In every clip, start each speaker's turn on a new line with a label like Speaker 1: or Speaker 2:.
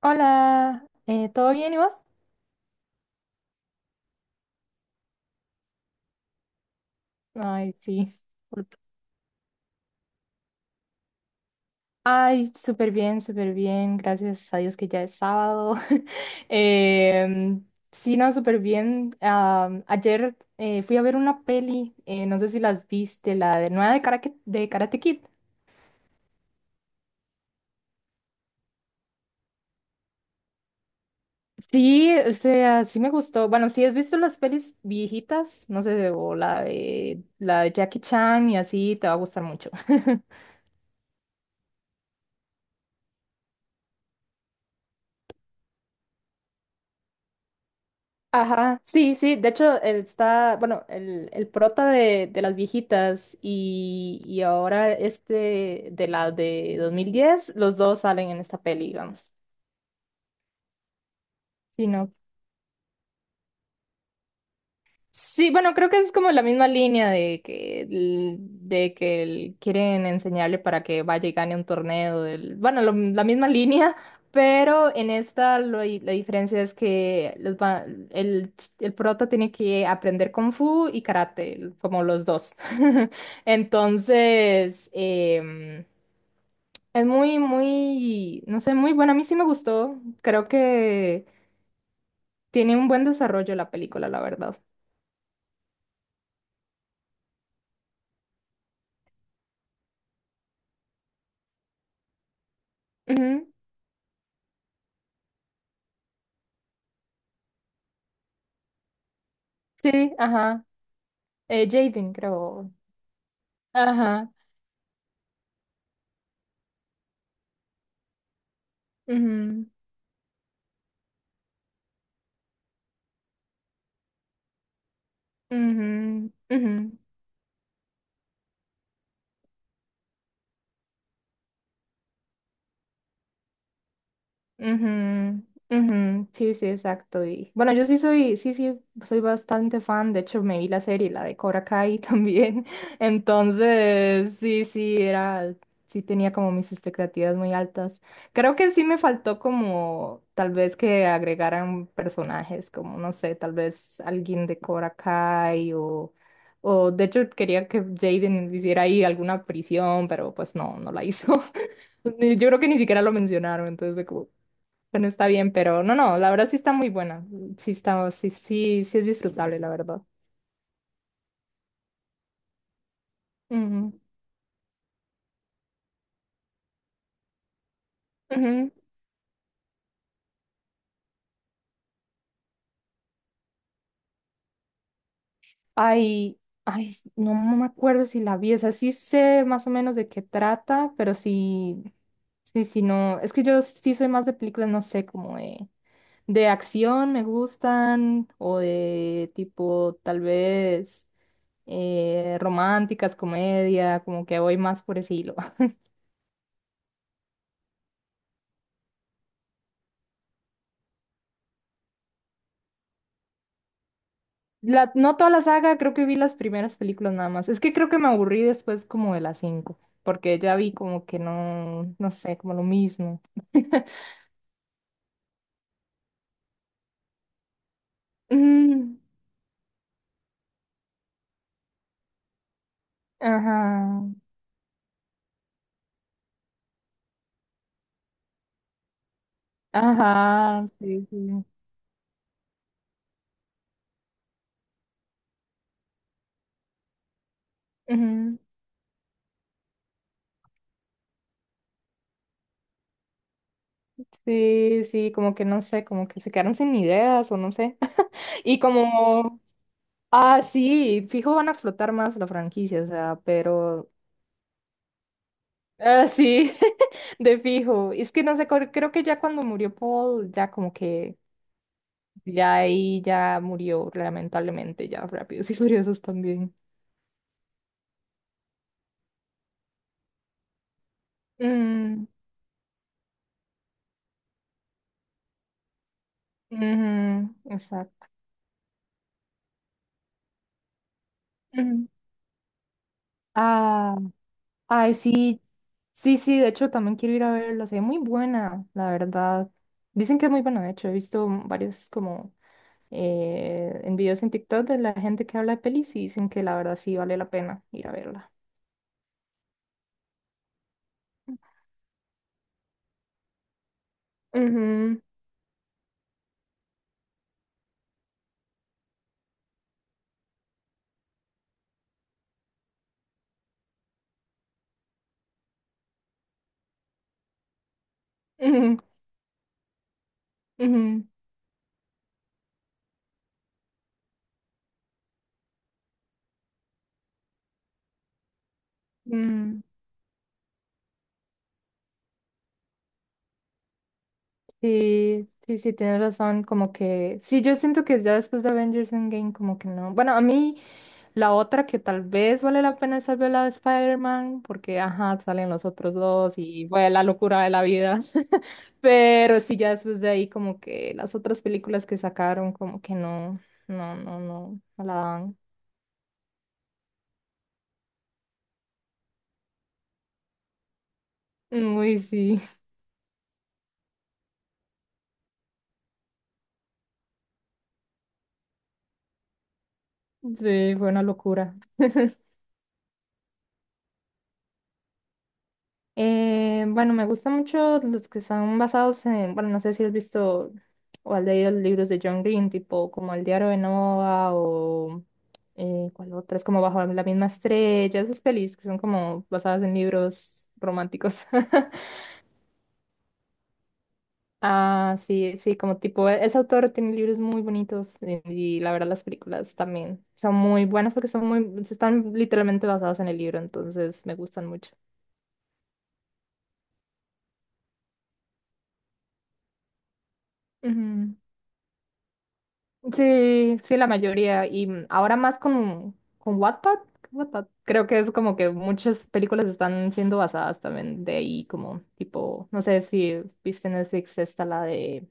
Speaker 1: Hola, ¿todo bien y vos? Ay, sí. Disculpa. Ay, súper bien, súper bien. Gracias a Dios que ya es sábado. Em, sí, no, súper bien. Ayer fui a ver una peli, no sé si las viste, la de nueva de Karate Kid. Sí, o sea, sí me gustó. Bueno, si has visto las pelis viejitas, no sé, o la de Jackie Chan y así, te va a gustar mucho. Ajá, sí, sí, de hecho está, bueno, el prota de las viejitas y ahora este de la de 2010, los dos salen en esta peli, digamos. Sí, no, sí, bueno, creo que es como la misma línea de que, quieren enseñarle para que vaya y gane un torneo. Bueno, la misma línea, pero en esta la diferencia es que el, el prota tiene que aprender Kung Fu y Karate, como los dos. Entonces, es muy, muy, no sé, muy bueno. A mí sí me gustó. Creo que tiene un buen desarrollo la película, la verdad. Ujú, sí, ajá. Jaden, creo. Ajá. Ujú, ujú, ujú. Ujú, ujú, sí, sí, exacto. Y bueno, yo sí soy, sí, sí, soy bastante fan. De hecho, me vi la serie, la de Cobra Kai también. Entonces, sí, sí, era, sí tenía como mis expectativas muy altas. Creo que sí me faltó como tal vez que agregaran personajes, como no sé, tal vez alguien de Cobra Kai o de hecho quería que Jaden hiciera ahí alguna prisión, pero pues no, no la hizo. Yo creo que ni siquiera lo mencionaron, entonces fue como, bueno, está bien, pero no, no, la verdad sí está muy buena. Sí está, sí, sí, sí es disfrutable, la verdad. Ujú, ujú. Ay, ay, no no me acuerdo si la vi, o sea, sí sé más o menos de qué trata, pero sí, sí, sí, no, es que yo sí soy más de películas, no sé, como de acción me gustan, o de tipo, tal vez, románticas, comedia, como que voy más por ese hilo. La, no toda la saga, creo que vi las primeras películas nada más. Es que creo que me aburrí después como de las cinco, porque ya vi como que no, no sé, como lo mismo. Mm, ajá, ajá, sí, sí. Ujú, sí, sí, como que no sé, como que se quedaron sin ideas o no sé. Y como, ah, sí, fijo van a explotar más la franquicia, o sea, pero, ah, sí, de fijo. Es que no sé, creo que ya cuando murió Paul, ya como que ya ahí ya murió, lamentablemente, ya Rápidos y Furiosos también. Mm, ujú, exacto. Ujú. Ah, ay, sí, sí, sí, de hecho también quiero ir a verla, se ve muy buena, la verdad. Dicen que es muy buena, de hecho, he visto varios como en videos en TikTok de la gente que habla de pelis y dicen que la verdad sí vale la pena ir a verla. Ujú, ujú, ujú, ujú. Sí, sí, sí, tienes razón, como que sí, yo siento que ya después de Avengers Endgame como que no. Bueno, a mí la otra que tal vez vale la pena es ver la de Spider-Man, porque ajá, salen los otros dos y fue la locura de la vida. Pero sí, ya después de ahí como que las otras películas que sacaron como que no, no, no, no, no la dan. Muy sí, sí, fue una locura. Bueno, me gustan mucho los que están basados en, bueno, no sé si has visto o has leído los libros de John Green, tipo como El diario de Noah o ¿cuál otra? Es como Bajo la misma estrella, esas pelis que son como basadas en libros románticos. Ah, sí, sí, como tipo, ese autor tiene libros muy bonitos y, la verdad las películas también son muy buenas porque son muy, están literalmente basadas en el libro, entonces me gustan mucho. Ujú. Sí, sí, la mayoría. Y mm, ahora más con Wattpad, Wattpad. Creo que es como que muchas películas están siendo basadas también de ahí, como tipo, no sé si viste Netflix esta, la de...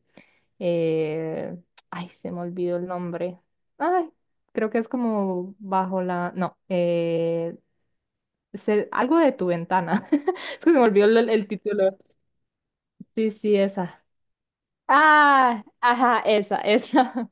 Speaker 1: eh, ay, se me olvidó el nombre. Ay, creo que es como bajo la... No, algo de tu ventana. Es que se me olvidó el título. Sí, sí, esa. Ah, ajá, esa, esa.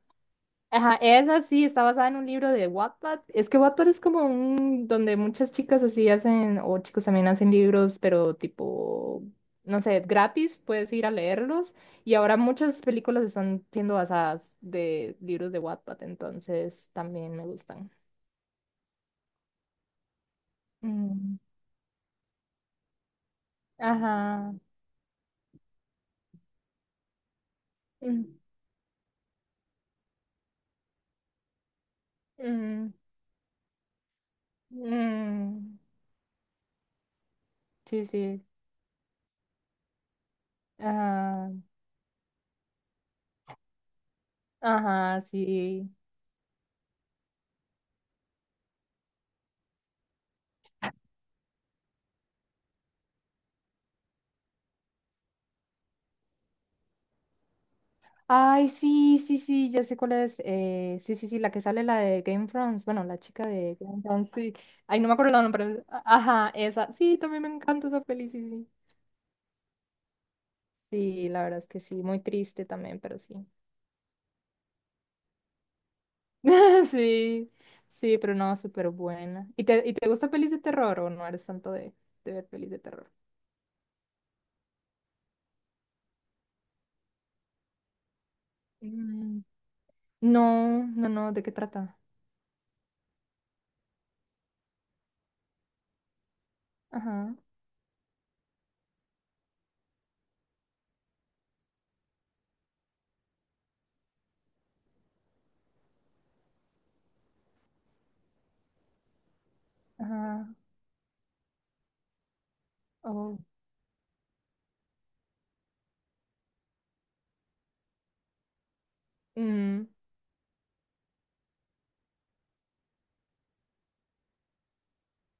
Speaker 1: Ajá, esa sí, está basada en un libro de Wattpad. Es que Wattpad es como un donde muchas chicas así hacen, o chicos también hacen libros, pero tipo, no sé, gratis, puedes ir a leerlos. Y ahora muchas películas están siendo basadas de libros de Wattpad, entonces también me gustan. Mm, ajá. Mm, mm, mm. Sí, sí. Ajá. Ajá, sí. Ay, sí, sí, sí, ya sé cuál es. Sí, sí, sí, la que sale, la de Game of Thrones. Bueno, la chica de Game of Thrones, sí. Ay, no me acuerdo el nombre. Ajá, esa. Sí, también me encanta esa peli, sí, sí. Sí, la verdad es que sí, muy triste también, pero sí. Sí, sí, pero no, súper buena. Y te gusta pelis de terror o no eres tanto de ver pelis de terror? Mm, no, no, no, ¿de qué trata? Ajá, ajá. Oh. Mm,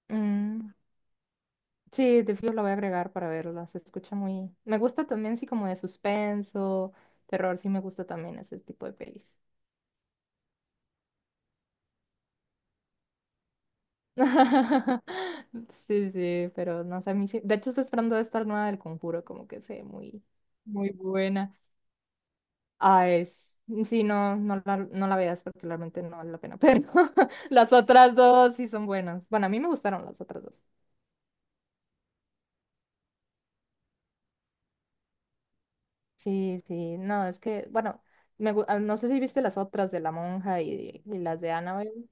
Speaker 1: mm. Sí, de fijo la voy a agregar para verla. Se escucha muy... Me gusta también, sí, como de suspenso, terror, sí me gusta también ese tipo de pelis. Sí, sí, pero no sé, a mí sí... De hecho, estoy esperando esta nueva del Conjuro, como que se muy, muy buena. Ah, es... Sí, no, no la, no la veas porque realmente no vale la pena, pero las otras dos sí son buenas. Bueno, a mí me gustaron las otras dos. Sí, sí, no, es que, bueno, me, ah, no sé si viste las otras de La Monja y las de Annabelle.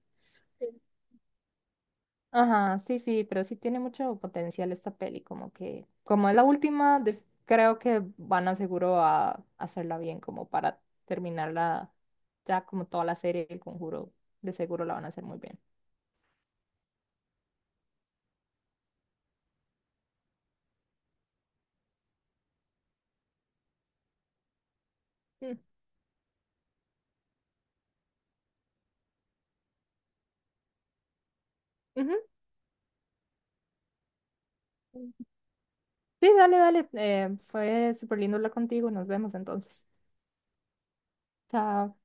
Speaker 1: Ajá, sí, sí, pero sí tiene mucho potencial esta peli, como que, como es la última, creo que van a seguro a hacerla bien, como para terminarla ya como toda la serie, el conjuro, de seguro la van a hacer muy bien. Mm, ujú. Sí, dale, dale, fue súper lindo hablar contigo, nos vemos entonces. Chao.